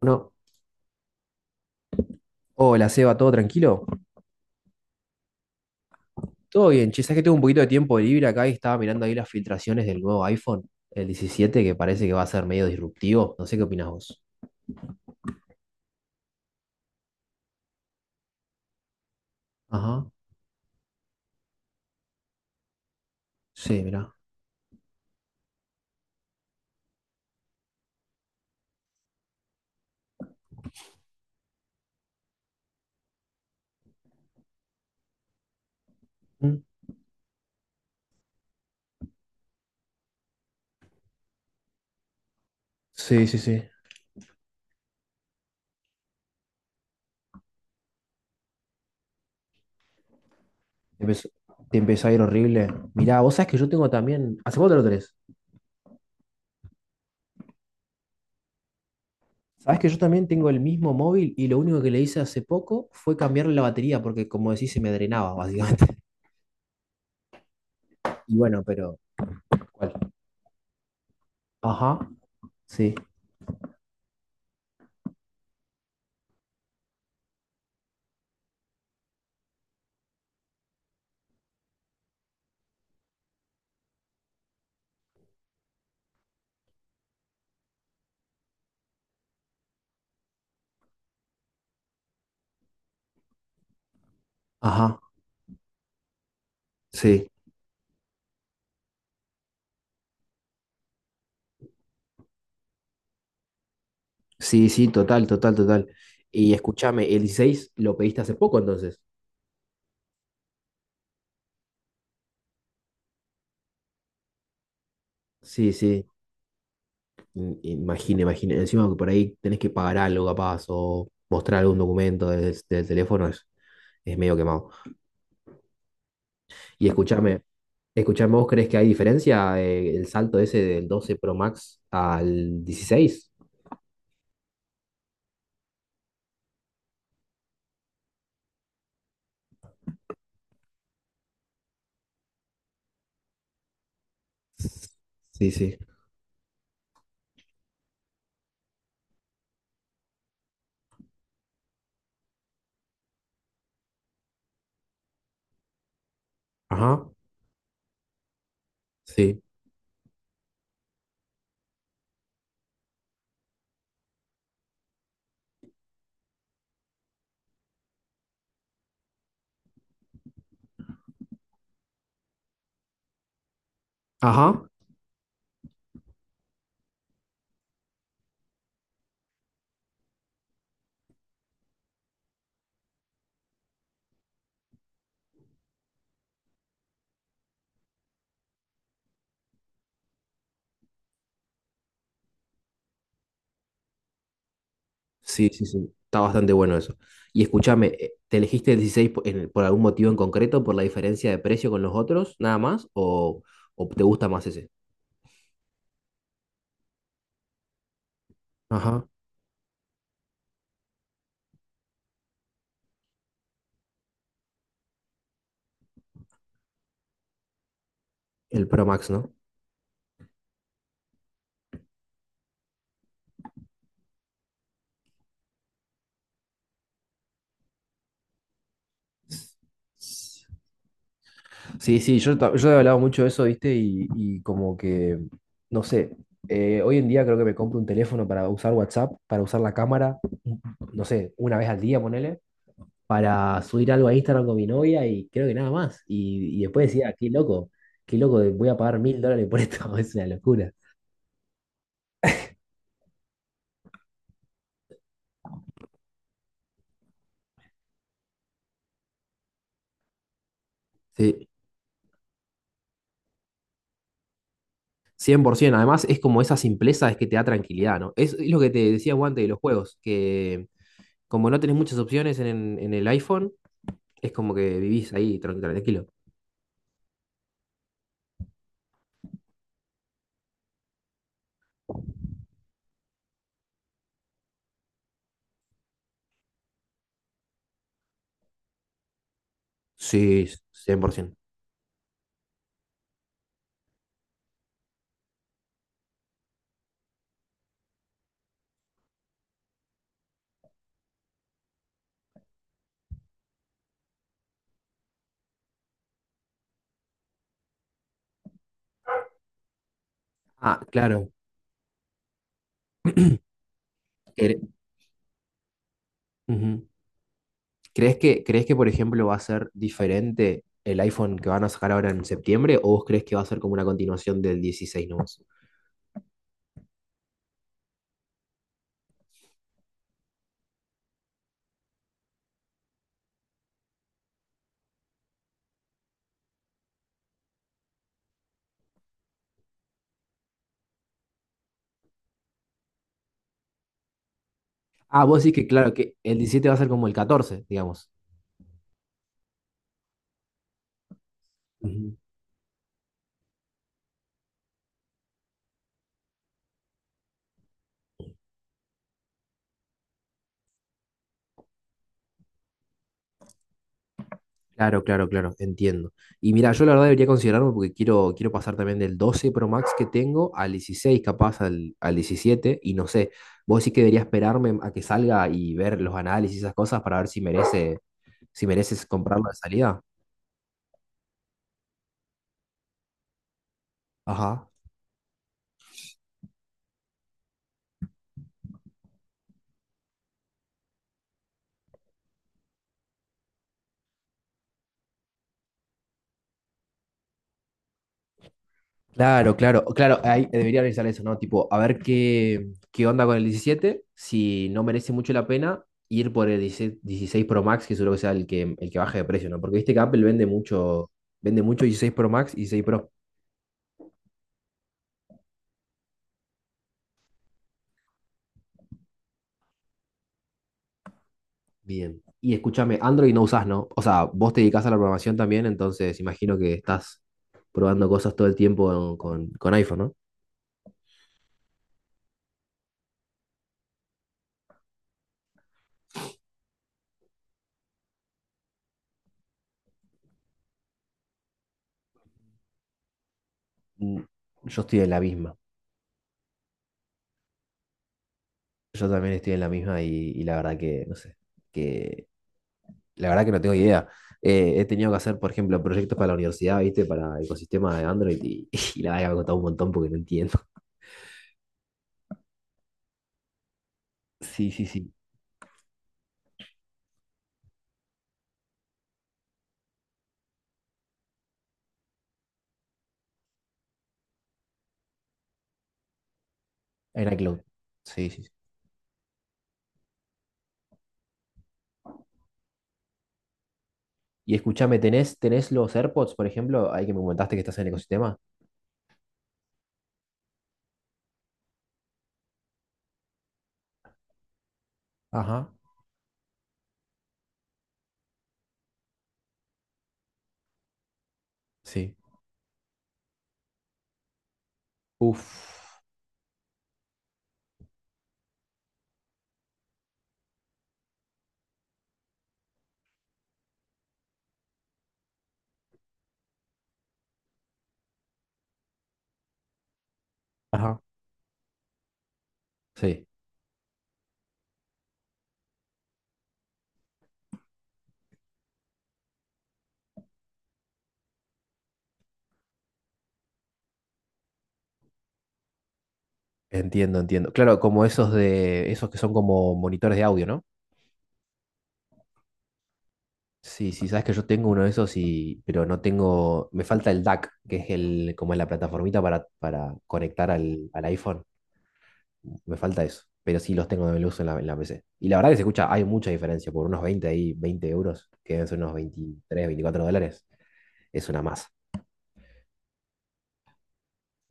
Bueno, hola Seba, ¿todo tranquilo? Todo bien, che, sabes que tengo un poquito de tiempo libre acá y estaba mirando ahí las filtraciones del nuevo iPhone, el 17 que parece que va a ser medio disruptivo. No sé qué opinás vos. Ajá, sí, mirá. ¿Mm? Sí, sí, sí. ¿Te empezó, te empezó a ir horrible? Mirá, vos sabés que yo tengo también. ¿Hace cuánto lo tenés? Sabés que yo también tengo el mismo móvil y lo único que le hice hace poco fue cambiarle la batería porque, como decís, se me drenaba, básicamente. Y bueno, pero. ¿Cuál? Ajá, sí, ajá, sí. Sí, sí, total, total, total. Y escúchame, el 16 lo pediste hace poco entonces. Sí, sí. Imagine, imagine. Encima que por ahí tenés que pagar algo capaz o mostrar algún documento desde el teléfono es medio quemado. Y escúchame, escúchame, ¿vos crees que hay diferencia el salto ese del 12 Pro Max al dieciséis? Sí, sí. Ajá, sí. Ajá. Sí, sí, sí. Está bastante bueno eso. Y escúchame, ¿te elegiste el 16 por algún motivo en concreto, por la diferencia de precio con los otros, nada más? O te gusta más ese? Ajá, el Pro Max, ¿no? Sí, sí, yo he hablado mucho de eso, ¿viste? Y como que, no sé, hoy en día creo que me compro un teléfono para usar WhatsApp, para usar la cámara, no sé, una vez al día, ponele. Para subir algo a Instagram con mi novia y creo que nada más. Y después decía, qué loco, voy a pagar $1000 por esto, es una locura. Sí, 100%. Además, es como esa simpleza es que te da tranquilidad, ¿no? Es lo que te decía Guante de los juegos, que como no tenés muchas opciones en el iPhone, es como que vivís ahí tranquilo. Sí, 100%. Ah, claro. Quere- Ujú. ¿Crees que, por ejemplo, va a ser diferente el iPhone que van a sacar ahora en septiembre o vos crees que va a ser como una continuación del dieciséis nomás? Ah, vos decís que, claro, que el 17 va a ser como el catorce digamos. Ujú. Claro, claro, claro, entiendo. Y mira, yo la verdad debería considerarlo porque quiero, quiero pasar también del 12 Pro Max que tengo al 16 capaz al, al 17 y no sé, vos sí que debería esperarme a que salga y ver los análisis y esas cosas para ver si merece, si mereces comprarlo de salida. Ajá. Claro, claro, claro, ahí debería analizar eso, ¿no? Tipo, a ver qué, qué onda con el 17. Si no merece mucho la pena ir por el 16 16 Pro Max, que seguro que sea el que baje de precio, ¿no? Porque viste que Apple vende mucho dieciséis Pro Max y 16 Pro. Bien. Y escúchame, Android no usás, ¿no? O sea, vos te dedicás a la programación también, entonces imagino que estás probando cosas todo el tiempo con iPhone, ¿no? Mm, yo estoy en la misma. Yo también estoy en la misma y la verdad que, no sé, que la verdad que no tengo idea. He tenido que hacer, por ejemplo, proyectos para la universidad, ¿viste? Para el ecosistema de Android y, y la verdad que me ha costado un montón porque no entiendo. Sí, sí, sí. En iCloud. Sí, sí, sí. Y escúchame, ¿tenés, tenés los AirPods, por ejemplo? Ahí que me comentaste que estás en el ecosistema. Ajá. Sí. Uf, ajá. Sí, entiendo, entiendo. Claro, como esos de, esos que son como monitores de audio, ¿no? Sí, sí, sí, sí. Sabes que yo tengo uno de esos y, pero no tengo, me falta el DAC, que es el, como es la plataformita para conectar al, al iPhone. Me falta eso. Pero sí los tengo de luz en la PC. Y la verdad que se escucha, hay mucha diferencia. Por unos 20 ahí, 20 euros, que deben ser unos 23 24 dólares, es una masa.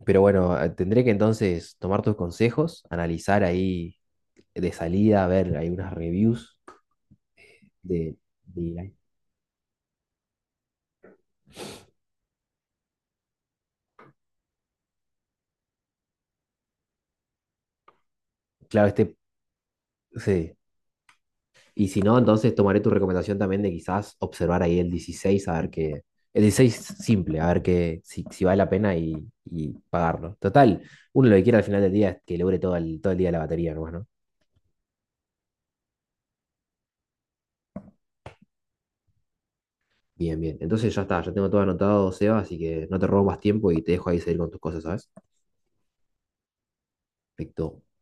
Pero bueno, tendré que entonces tomar tus consejos, analizar ahí de salida, ver, hay unas reviews de, de- claro, este, sí, y si no, entonces tomaré tu recomendación también de quizás observar ahí el 16, a ver qué. El 16 simple, a ver qué, si, si vale la pena y pagarlo. Total, uno lo que quiere al final del día es que logre todo el día la batería nomás, ¿no? Bien, bien. Entonces ya está, ya tengo todo anotado, Seba, así que no te robo más tiempo y te dejo ahí seguir con tus cosas, ¿sabes? Perfecto.